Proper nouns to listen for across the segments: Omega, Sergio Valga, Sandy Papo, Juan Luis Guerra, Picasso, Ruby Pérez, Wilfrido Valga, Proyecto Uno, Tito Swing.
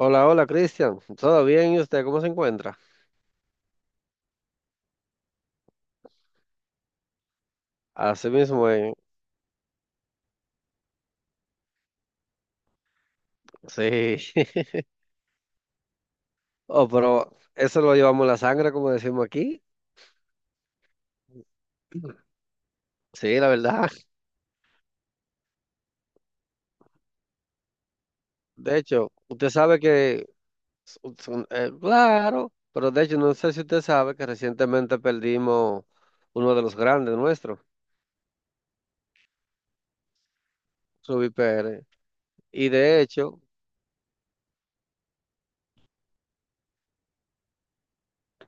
Hola, hola, Cristian. ¿Todo bien? ¿Y usted cómo se encuentra? Así mismo. Sí. Oh, pero eso lo llevamos en la sangre, como decimos aquí. Sí, la verdad. De hecho, usted sabe que, claro, pero de hecho no sé si usted sabe que recientemente perdimos uno de los grandes nuestros, Ruby Pérez. Y de hecho,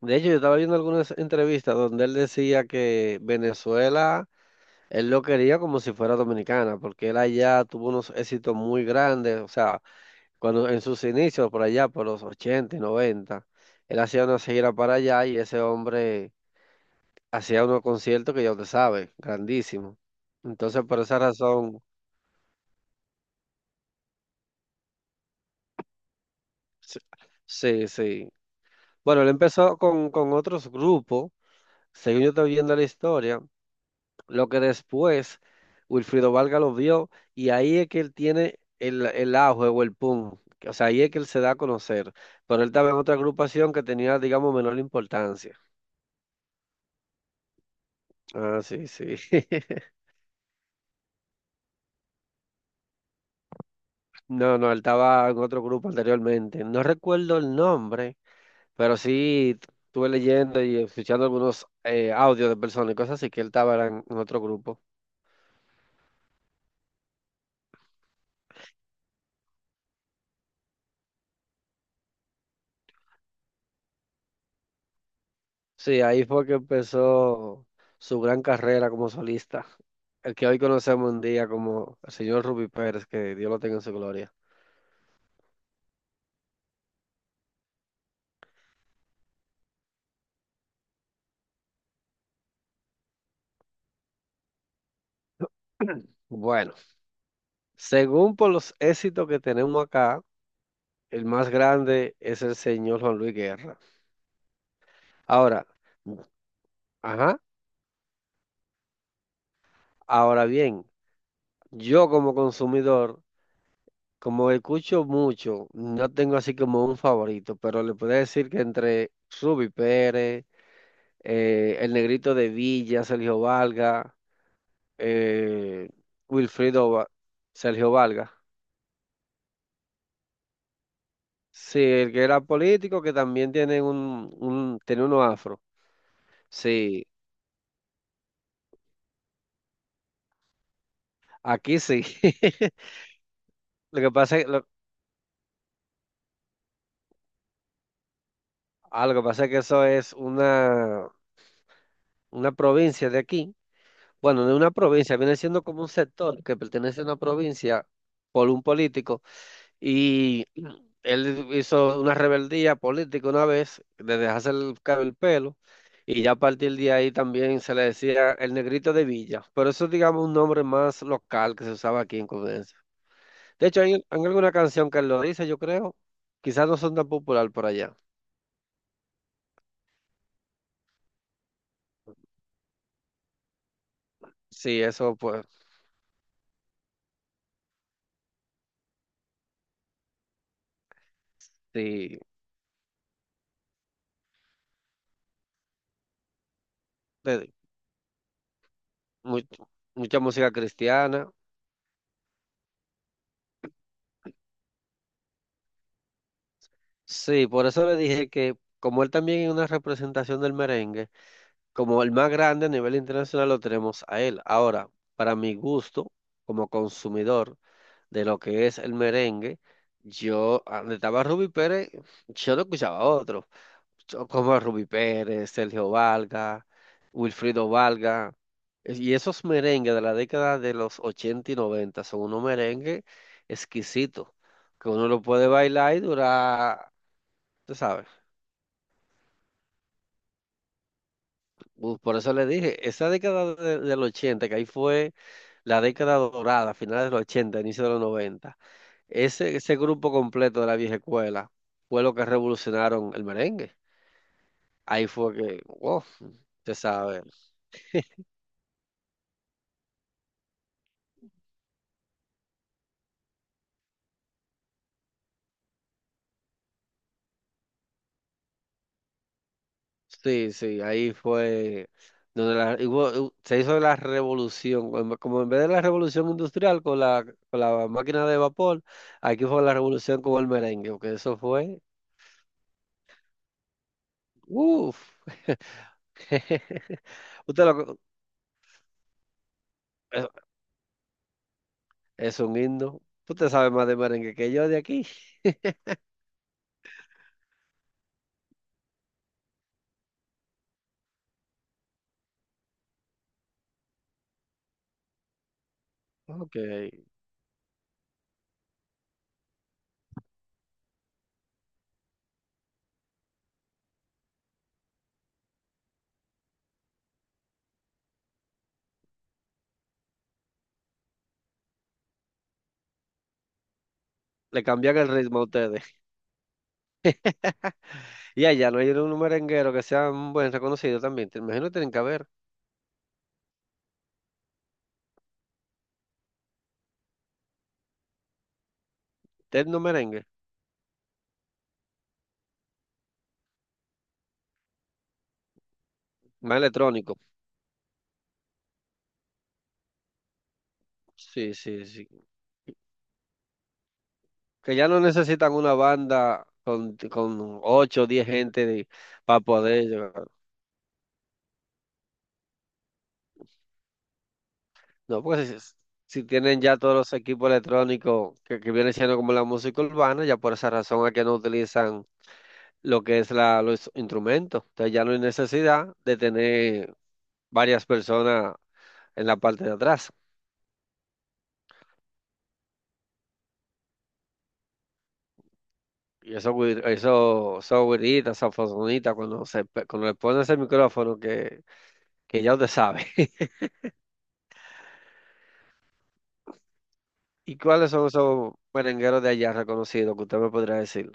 de hecho yo estaba viendo algunas entrevistas donde él decía que Venezuela. Él lo quería como si fuera dominicana, porque él allá tuvo unos éxitos muy grandes, o sea, cuando en sus inicios por allá, por los 80 y 90, él hacía una gira para allá y ese hombre hacía unos conciertos que ya usted sabe, grandísimos. Entonces, por esa razón, sí, sí. Sí. Bueno, él empezó con otros grupos, según yo estoy viendo la historia. Lo que después Wilfrido Valga lo vio y ahí es que él tiene el auge o el pum. O sea, ahí es que él se da a conocer. Pero él estaba en otra agrupación que tenía, digamos, menor importancia. Ah, sí, sí. No, no, él estaba en otro grupo anteriormente. No recuerdo el nombre, pero sí estuve leyendo y escuchando algunos audios de personas y cosas así que él estaba era en otro grupo. Sí, ahí fue que empezó su gran carrera como solista. El que hoy conocemos un día como el señor Ruby Pérez, que Dios lo tenga en su gloria. Bueno, según por los éxitos que tenemos acá, el más grande es el señor Juan Luis Guerra. Ahora, ajá, ahora bien, yo como consumidor, como escucho mucho, no tengo así como un favorito, pero le puedo decir que entre Ruby Pérez, el Negrito de Villa, Sergio Valga, eh, Wilfrido Va- Sergio Valga. Sí, el que era político, que también tiene un tiene uno afro. Sí, aquí sí. Lo que pasa es, lo, lo que pasa es que eso es una provincia de aquí. Bueno, de una provincia, viene siendo como un sector que pertenece a una provincia por un político. Y él hizo una rebeldía política una vez, de dejarse el pelo. Y ya a partir de ahí también se le decía el negrito de Villa. Pero eso es, digamos, un nombre más local que se usaba aquí en Colombia. De hecho, hay alguna canción que él lo dice, yo creo. Quizás no son tan popular por allá. Sí, eso pues, sí. de- mu- mucha música cristiana. Sí, por eso le dije que como él también es una representación del merengue, como el más grande a nivel internacional lo tenemos a él. Ahora, para mi gusto, como consumidor de lo que es el merengue, yo, donde estaba Ruby Pérez, yo no escuchaba a otro. Como Ruby Pérez, Sergio Valga, Wilfrido Valga. Y esos merengues de la década de los 80 y 90 son unos merengues exquisitos, que uno lo puede bailar y durar, tú sabes. Por eso le dije, esa década del 80, que ahí fue la década dorada, finales de los 80, inicio de los 90, ese grupo completo de la vieja escuela fue lo que revolucionaron el merengue. Ahí fue que, wow, usted sabe. Sí, sí, ahí fue donde la, y hubo- hu- se hizo la revolución, como en vez de la revolución industrial con la máquina de vapor, aquí fue la revolución con el merengue, que eso fue, uff. usted lo, co- es es un himno, usted sabe más de merengue que yo de aquí. Ok, le cambian el ritmo a ustedes. Y allá no hay un merenguero que sea un buen reconocido también, te imagino que tienen que haber. Tecno merengue, más electrónico, sí, sí, sí. Que ya no necesitan una banda con 8 o 10 gente para poder llegar. No, porque si tienen ya todos los equipos electrónicos que vienen siendo como la música urbana, ya por esa razón es que no utilizan lo que es los instrumentos. Entonces ya no hay necesidad de tener varias personas en la parte de atrás. Y eso, güiritas, saxofonitas, cuando le pones el micrófono que ya usted sabe. ¿Y cuáles son esos merengueros de allá reconocidos que usted me podría decir?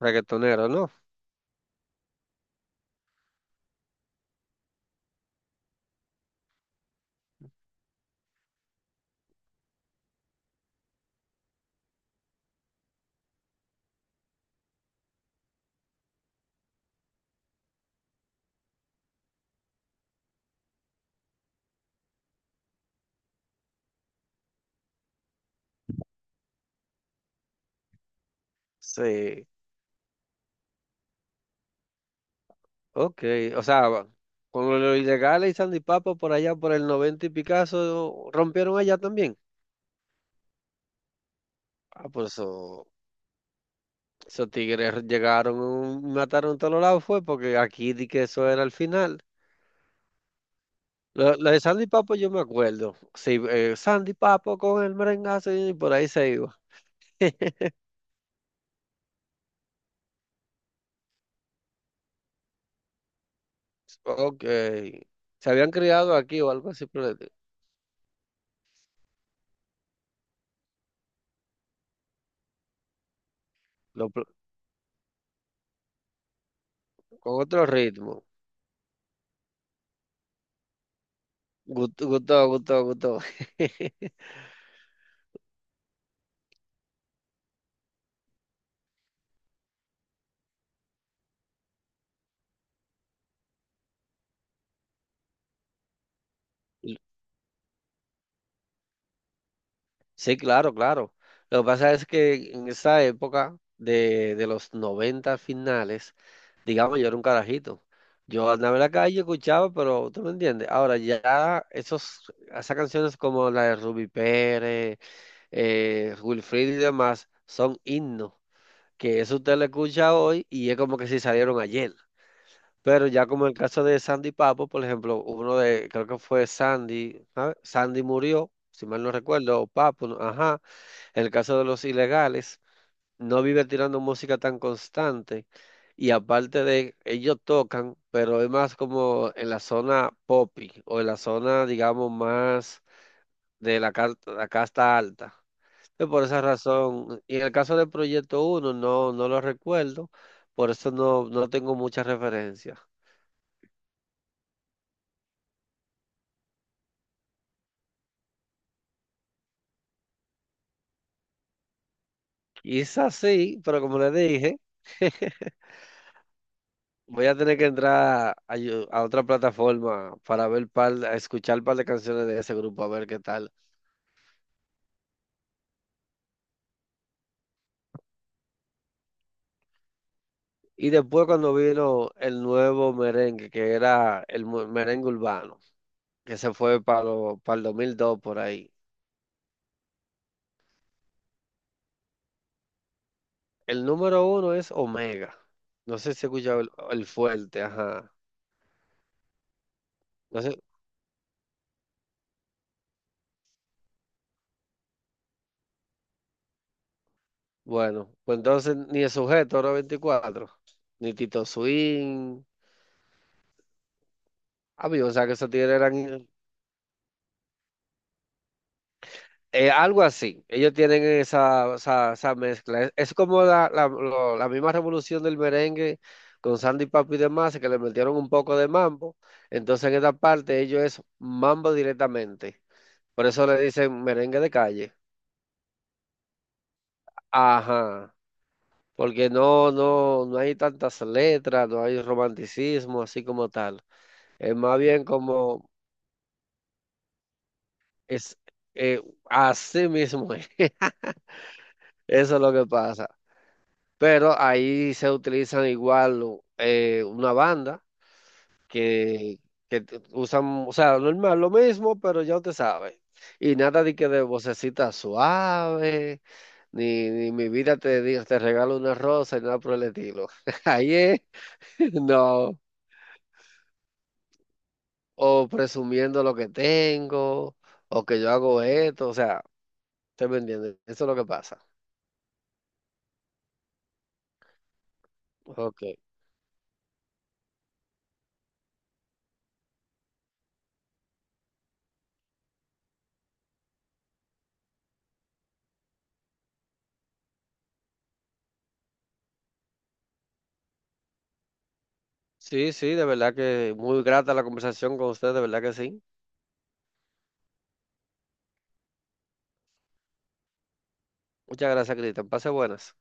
Reggaetoneros, ¿no? Sí, ok. O sea, con los ilegales y Sandy Papo por allá, por el 90 y Picasso, rompieron allá también. Ah, pues esos tigres llegaron, y mataron a todos los lados, fue porque aquí di que eso era el final. Lo de Sandy Papo yo me acuerdo. Sí, Sandy Papo con el merengazo y por ahí se iba. Ok. Se habían criado aquí o algo así. Pero, con otro ritmo. Gustó, gustó, gustó, gustó. Sí, claro, claro. Lo que pasa es que en esa época de los 90 finales, digamos, yo era un carajito. Yo andaba en la calle, escuchaba, pero tú me entiendes. Ahora ya esas canciones como la de Ruby Pérez, Wilfried y demás, son himnos, que eso usted lo escucha hoy y es como que si salieron ayer. Pero ya como en el caso de Sandy Papo, por ejemplo, uno de, creo que fue Sandy, ¿sabe? Sandy murió, si mal no recuerdo, o Papo, ajá. En el caso de los ilegales, no vive tirando música tan constante. Y aparte de, ellos tocan, pero es más como en la zona poppy o en la zona, digamos, más de la casta alta. Entonces, por esa razón, y en el caso del Proyecto Uno no, no lo recuerdo, por eso no, no tengo muchas referencias. Quizás sí, pero como le dije. Voy a tener que entrar a otra plataforma para ver a escuchar un par de canciones de ese grupo, a ver qué tal. Y después cuando vino el nuevo merengue, que era el merengue urbano, que se fue para el 2002 por ahí. El número uno es Omega. No sé si escucha el fuerte, ajá. No sé, bueno, pues entonces ni el sujeto era 24, ni Tito Swing. Ah, bien, o sea que esos tigres eran. Algo así. Ellos tienen esa mezcla. Es como la misma revolución del merengue con Sandy Papo y demás, que le metieron un poco de mambo. Entonces en esta parte ellos es mambo directamente. Por eso le dicen merengue de calle. Ajá. Porque no, no, no hay tantas letras, no hay romanticismo así como tal. Es más bien como es eh, así mismo. Es. Eso es lo que pasa. Pero ahí se utilizan igual una banda que, usan, o sea, normal, lo mismo, pero ya usted sabe. Y nada de que de vocecita suave, ni mi vida te regalo una rosa, y nada por el estilo. Ahí es, no, o presumiendo lo que tengo, o que yo hago esto, o sea, ¿usted me entiende? Eso es lo que pasa. Ok. Sí, sí, de verdad que muy grata la conversación con usted, de verdad que sí. Muchas gracias, Cristian. Pase buenas.